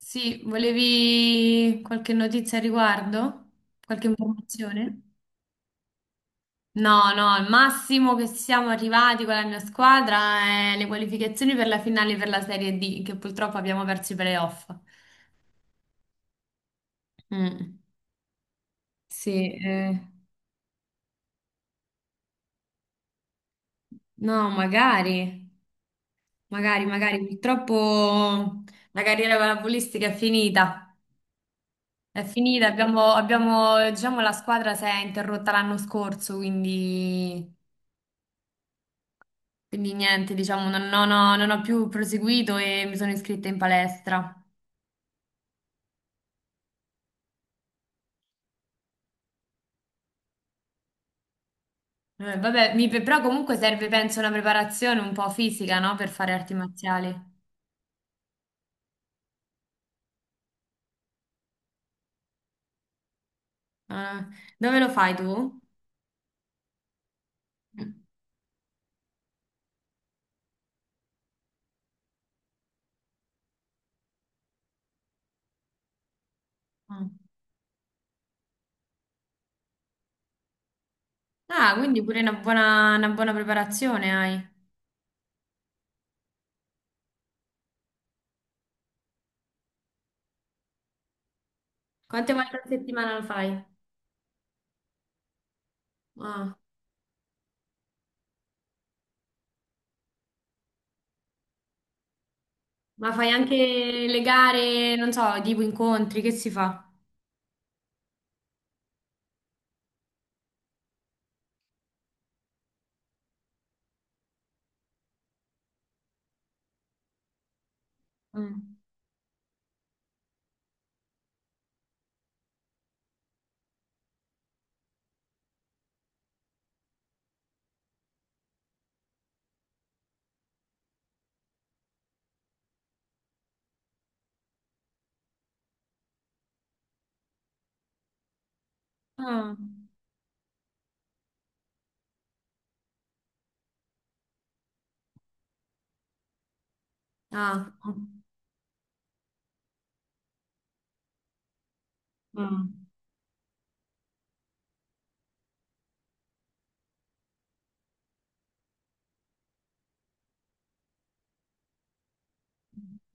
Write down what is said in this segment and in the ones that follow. Sì, volevi qualche notizia a riguardo? Qualche informazione? No, no, il massimo che siamo arrivati con la mia squadra è le qualificazioni per la finale per la Serie D, che purtroppo abbiamo perso i playoff. Mm, sì, no, magari, magari, purtroppo la carriera palavolistica è finita, abbiamo, diciamo, la squadra si è interrotta l'anno scorso, quindi... Quindi niente, diciamo, non ho, non ho più proseguito e mi sono iscritta in palestra. Vabbè, però comunque serve, penso, una preparazione un po' fisica, no? Per fare arti marziali. Ah, dove lo fai tu? Ah, ah, quindi pure una buona preparazione hai. Quante volte a settimana lo fai? Ah, ma fai anche le gare, non so, tipo incontri, che si fa? Mm. Ah, ah, mm.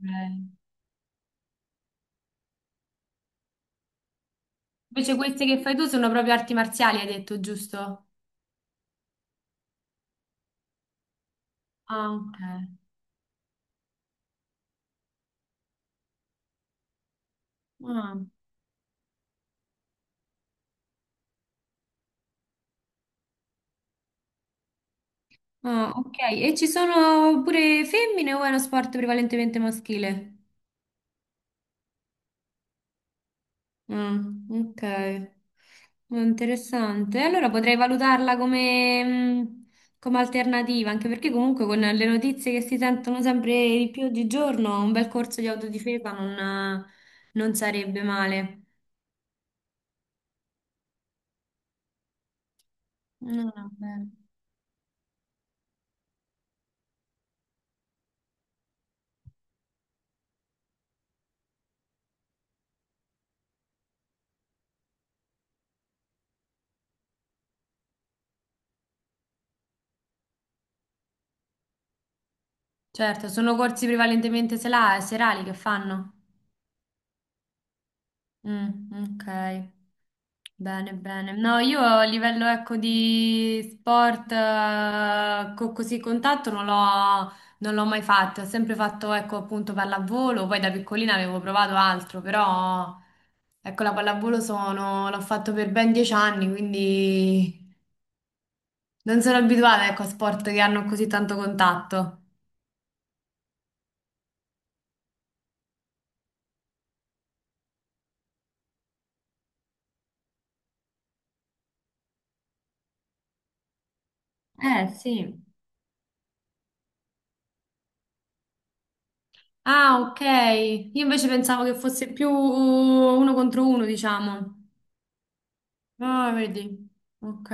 Ok. Invece queste che fai tu sono proprio arti marziali, hai detto, giusto? Ah, ok. Ah, ah, ok. E ci sono pure femmine o è uno sport prevalentemente maschile? Ah, ok. Ah, interessante. Allora potrei valutarla come, come alternativa, anche perché comunque con le notizie che si sentono sempre di più oggigiorno, un bel corso di autodifesa non sarebbe male. No, no, bene. Certo, sono corsi prevalentemente serali che fanno. Mm, ok. Bene, bene. No, io a livello ecco di sport così contatto non l'ho mai fatto, ho sempre fatto ecco appunto pallavolo, poi da piccolina avevo provato altro, però ecco la pallavolo sono, l'ho fatto per ben 10 anni, quindi non sono abituata ecco a sport che hanno così tanto contatto. Eh sì. Ah, ok. Io invece pensavo che fosse più uno contro uno, diciamo. Ah, vedi. Ok.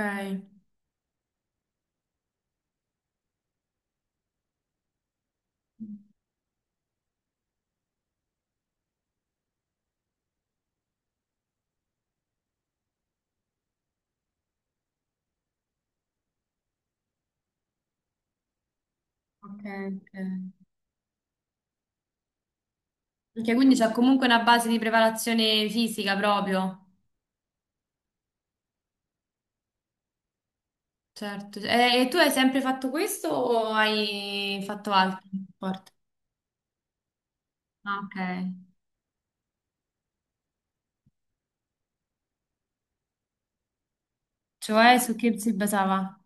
Ok, ok. Ok, quindi c'è comunque una base di preparazione fisica proprio. Certo. E tu hai sempre fatto questo o hai fatto altri sport? Ah, ok. Cioè, su che si basava?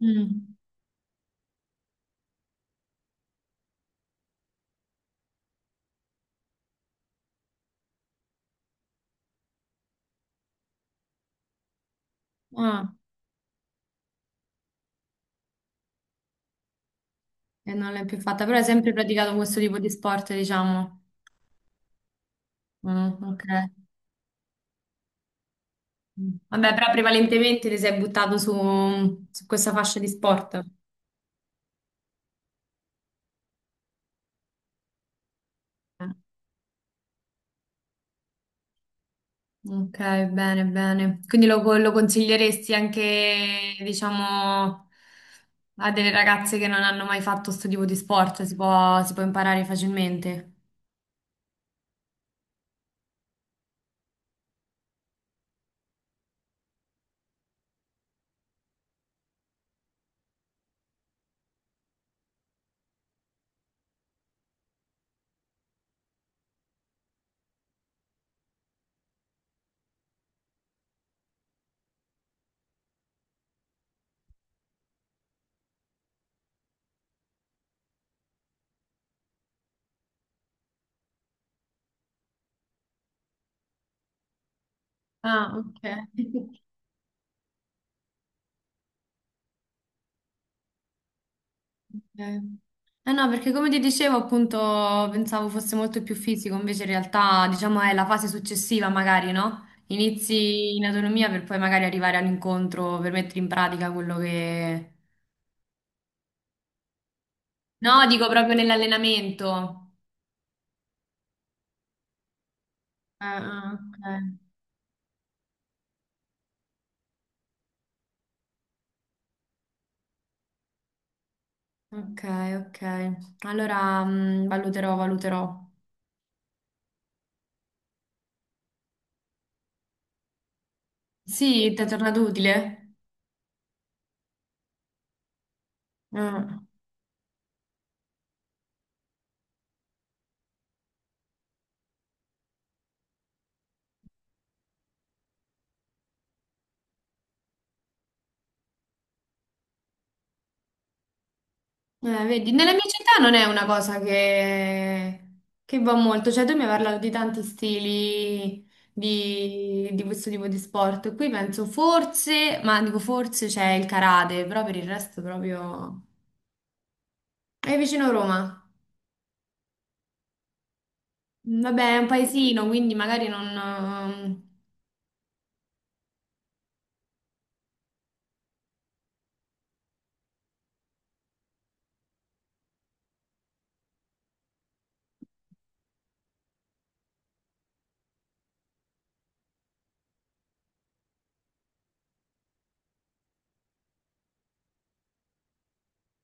Mm. Ah, e non l'hai più fatta, però hai sempre praticato questo tipo di sport, diciamo. Mm, ok. Mm. Vabbè, però prevalentemente ti sei buttato su questa fascia di sport. Eh. Ok, bene, bene. Quindi lo consiglieresti anche, diciamo, a delle ragazze che non hanno mai fatto questo tipo di sport? Si può imparare facilmente? Ah, ok. Ok. Eh no, perché come ti dicevo, appunto, pensavo fosse molto più fisico, invece in realtà, diciamo, è la fase successiva, magari, no? Inizi in autonomia per poi magari arrivare all'incontro per mettere in pratica quello che... No, dico proprio nell'allenamento. Ah, ah, ok. Ok, ok. Allora, mm, valuterò, valuterò. Sì, ti è tornato utile? Mm. Vedi, nella mia città non è una cosa che va molto, cioè tu mi hai parlato di tanti stili di questo tipo di sport. Qui penso forse, ma dico forse c'è il karate, però per il resto proprio... È vicino a Roma. Mm, vabbè, è un paesino, quindi magari non...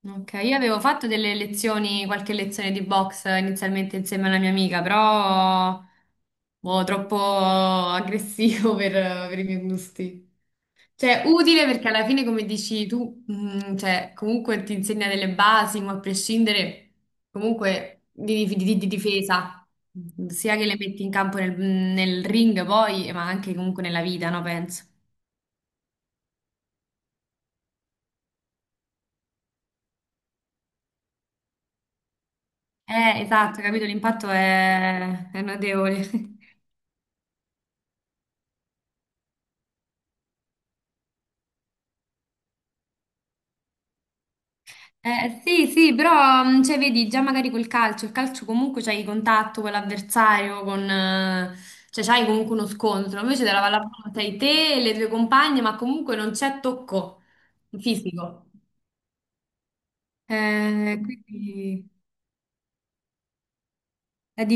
Ok, io avevo fatto delle lezioni, qualche lezione di box inizialmente insieme alla mia amica, però boh, troppo aggressivo per i miei gusti. Cioè, utile perché alla fine, come dici tu, mm, cioè, comunque ti insegna delle basi, ma a prescindere comunque di difesa, sia che le metti in campo nel ring poi, ma anche comunque nella vita, no, penso. Esatto, capito, è notevole. Sì, sì, però cioè, vedi già magari col calcio, il calcio comunque c'hai contatto con l'avversario, con, cioè c'hai comunque uno scontro, invece della pallavolo sei te e le tue compagne, ma comunque non c'è tocco fisico. Quindi è